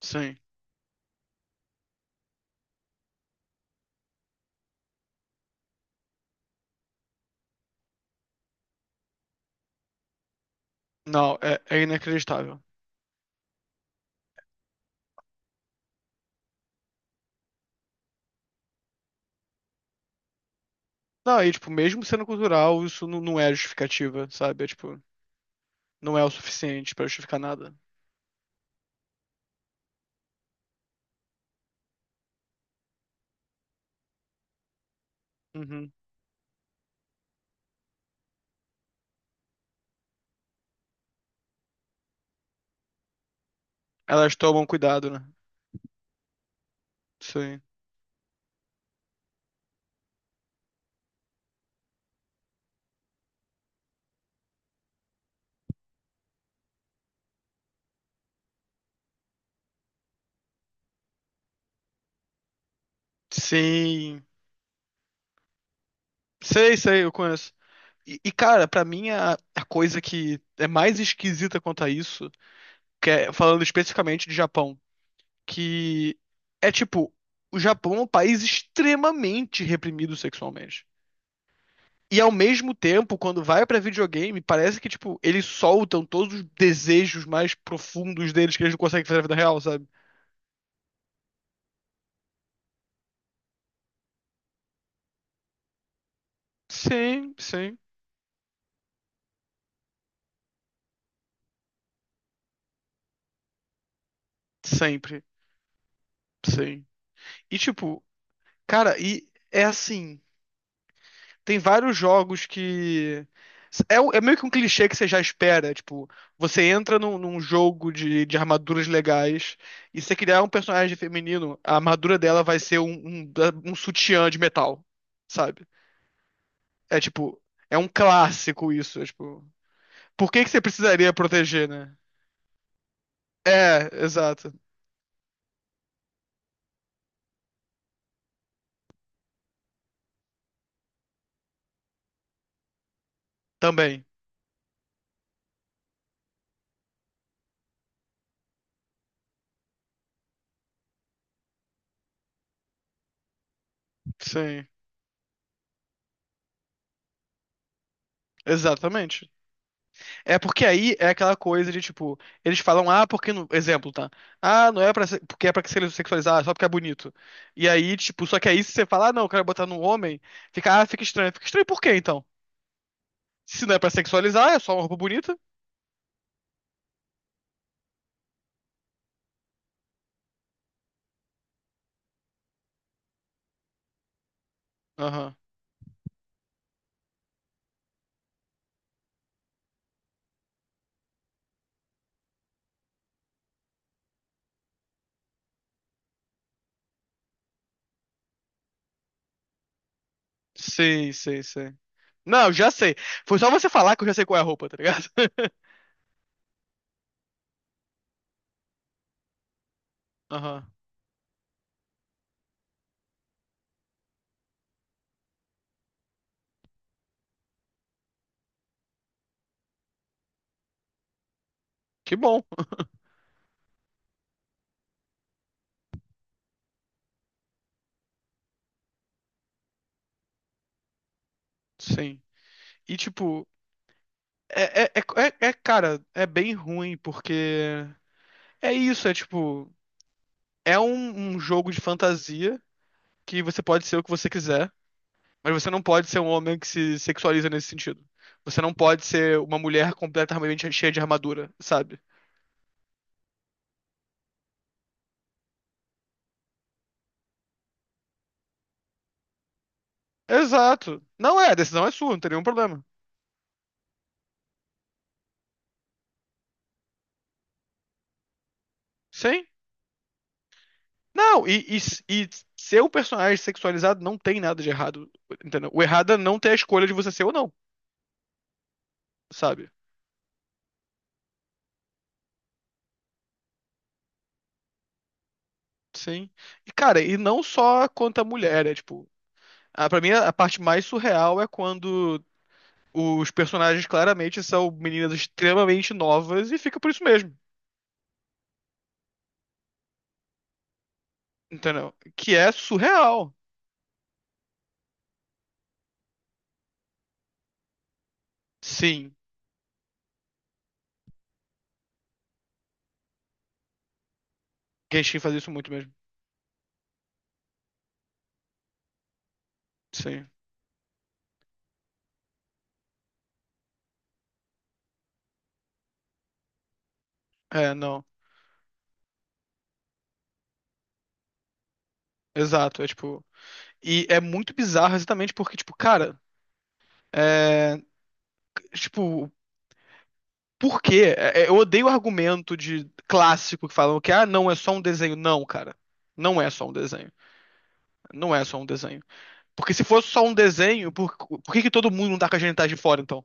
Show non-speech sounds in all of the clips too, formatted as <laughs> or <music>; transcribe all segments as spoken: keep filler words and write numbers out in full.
Sim. Não, é, é inacreditável. Não, e tipo, mesmo sendo cultural, isso não, não é justificativa, sabe? É, tipo, não é o suficiente pra justificar nada. Uhum. Elas tomam cuidado, né? Sim. Sim. Sei, sei, eu conheço. E, e, cara, pra mim a, a coisa que é mais esquisita quanto a isso, que é falando especificamente de Japão, que é tipo, o Japão é um país extremamente reprimido sexualmente. E ao mesmo tempo, quando vai pra videogame, parece que, tipo, eles soltam todos os desejos mais profundos deles que eles não conseguem fazer na vida real, sabe? Sim, sim. Sempre, sim. E, tipo, cara, e é assim. Tem vários jogos que. É, um- é meio que um clichê que você já espera. Tipo, você entra num, num jogo de, de armaduras legais e se você criar um personagem feminino, a armadura dela vai ser um, um, um sutiã de metal, sabe? É tipo, é um clássico isso. É, tipo, por que que você precisaria proteger, né? É, exato. Também. Sim. Exatamente. É porque aí é aquela coisa de tipo, eles falam, ah, porque não... exemplo, tá? Ah, não é pra ser... porque é pra que se sexualizar, só porque é bonito. E aí, tipo, só que aí se você falar, ah, não, eu quero botar num homem, fica, ah, fica estranho. Fica estranho por quê, então? Se não é pra sexualizar, é só uma roupa bonita? Aham. Sim, sim, sim. Não, já sei. Foi só você falar que eu já sei qual é a roupa, tá ligado? <laughs> Aham. Que bom, sim. E tipo, é, é, é, é- é, cara, é bem ruim, porque é isso, é tipo, é um, um jogo de fantasia que você pode ser o que você quiser, mas você não pode ser um homem que se sexualiza nesse sentido. Você não pode ser uma mulher completamente cheia de armadura, sabe? Exato. Não é, a decisão é sua, não tem nenhum problema. Sim? Não, e, e, e ser um personagem sexualizado não tem nada de errado, entendeu? O errado é não ter a escolha de você ser ou não, sabe? Sim. E, cara, e não só quanto a mulher, é tipo. A, pra mim, a parte mais surreal é quando os personagens claramente são meninas extremamente novas e fica por isso mesmo. Entendeu? Que é surreal. Sim. Genshin faz isso muito mesmo. Sim. É, não. Exato. É tipo. E é muito bizarro exatamente porque, tipo, cara. É. Tipo. Por quê? É, é, Eu odeio o argumento de clássico que falam que, ah, não, é só um desenho. Não, cara. Não é só um desenho. Não é só um desenho. Porque se fosse só um desenho, por, por que que todo mundo não tá com a genitais de fora, então?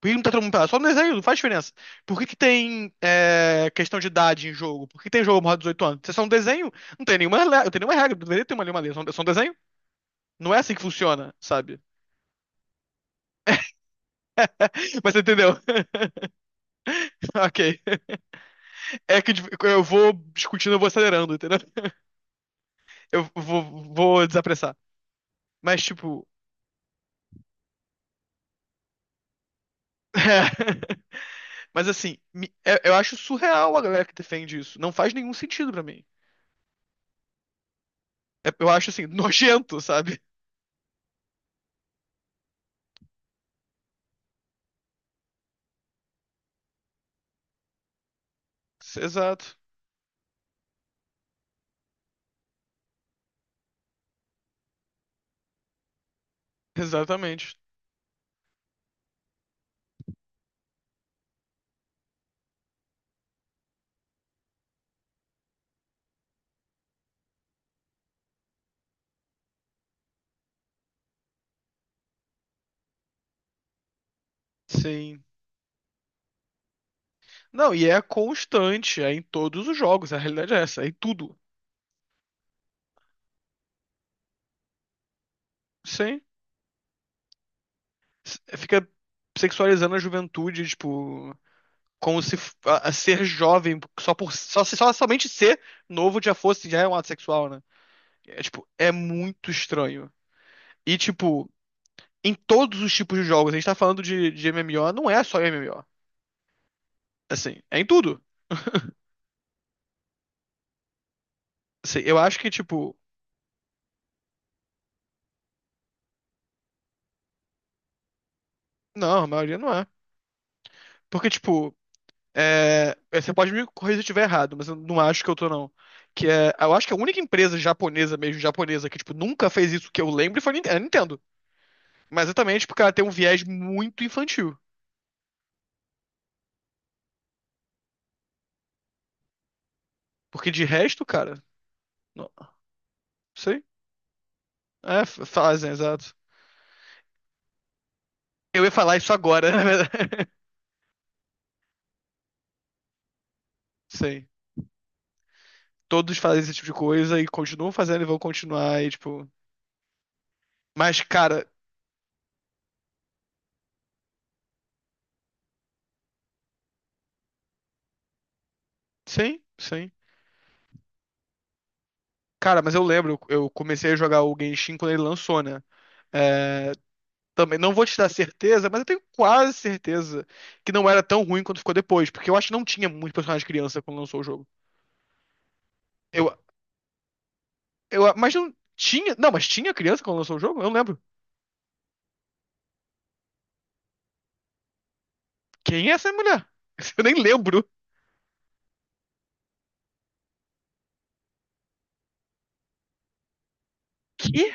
Por que não tá todo mundo pelado? Só no desenho, não faz diferença. Por que que tem é, questão de idade em jogo? Por que tem jogo maior de dezoito anos? Se é só um desenho, não tem nenhuma, le- não tem nenhuma regra, não deveria ter uma nenhuma lei, é só um- é só um desenho. Não é assim que funciona, sabe? <laughs> Mas você entendeu? <laughs> Ok. É que tipo, eu vou discutindo, eu vou acelerando, entendeu? Eu vou, vou desapressar. Mas, tipo. <laughs> é. Mas assim, me- eu eu acho surreal a galera que defende isso. Não faz nenhum sentido pra mim. É- Eu acho assim, <laughs> nojento, sabe? Exato, exatamente. Sim. Não, e é constante, é em todos os jogos, a realidade é essa, é em tudo. Sim. S- Fica sexualizando a juventude, tipo, como se f- a, a ser jovem só por só, se- só somente ser novo já fosse já é um ato sexual, né? É tipo, é muito estranho. E tipo, em todos os tipos de jogos, a gente tá falando de, de M M O, não é só M M O. Assim, é em tudo. Assim, eu acho que tipo, não, a maioria não é. Porque, tipo, é, é, você pode me corrigir se eu estiver errado, mas eu não acho que eu tô, não. Que é, eu acho que a única empresa japonesa mesmo, japonesa, que, tipo, nunca fez isso que eu lembro foi a Ninte- Nintendo. Mas exatamente porque ela tem um viés muito infantil. Porque de resto, cara, não sei. É, f- fazem, exato. Eu ia falar isso agora, na verdade. <laughs> Sim. Todos fazem esse tipo de coisa e continuam fazendo e vão continuar e, tipo... Mas, cara, sim, sim. Cara, mas eu lembro, eu comecei a jogar o Genshin quando ele lançou, né? É, também não vou te dar certeza, mas eu tenho quase certeza que não era tão ruim quanto ficou depois, porque eu acho que não tinha muito personagem criança quando lançou o jogo. Eu, eu, mas não tinha, não, mas tinha criança quando lançou o jogo? Eu não lembro. Quem é essa mulher? <laughs> Eu nem lembro. Que?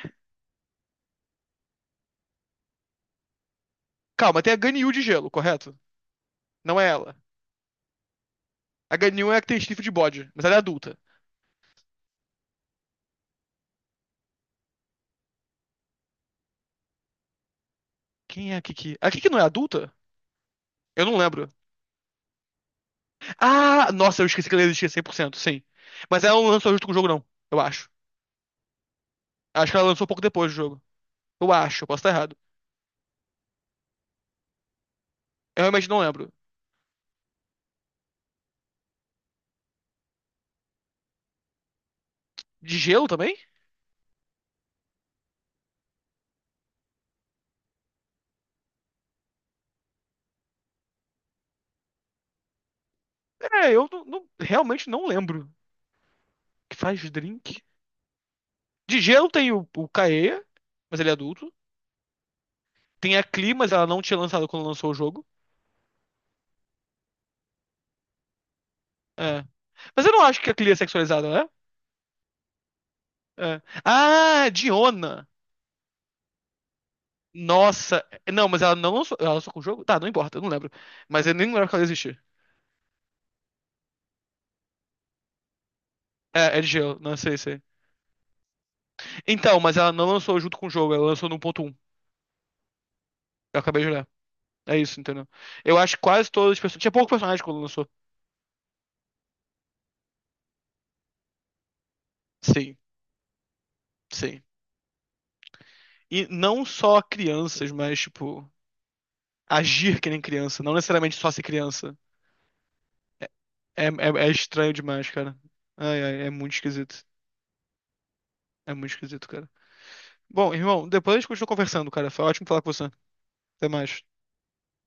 Calma, tem a Ganyu de gelo, correto? Não é ela. A Ganyu é a que tem chifre de bode, mas ela é adulta. Quem é a Kiki? A Kiki não é adulta? Eu não lembro. Ah, nossa, eu esqueci que ela existia cem por cento sim. Mas ela não lançou junto com o jogo, não, eu acho. Acho que ela lançou pouco depois do jogo. Eu acho, eu posso estar errado. Eu realmente não lembro. De gelo também? É, eu não- não- realmente não lembro. Que faz drink? De gelo tem o, o Kaeya, mas ele é adulto. Tem a Clee, mas ela não tinha lançado quando lançou o jogo. É. Mas eu não acho que a Clee é sexualizada, né? É. Ah, Diona! Nossa! Não, mas ela não lançou. Ela lançou com o jogo? Tá, não importa, eu não lembro. Mas eu nem lembro que ela existia. É, é de gelo, não sei, sei. Então, mas ela não lançou junto com o jogo, ela lançou no um ponto um. Eu acabei de olhar. É isso, entendeu? Eu acho que quase todas as pessoas. Tinha pouco personagem quando lançou. Sim. Sim. E não só crianças, mas, tipo, agir que nem criança. Não necessariamente só ser criança. É, é, é- é estranho demais, cara. Ai, ai, é muito esquisito. É muito esquisito, cara. Bom, irmão, depois a gente continua conversando, cara. Foi ótimo falar com você. Até mais.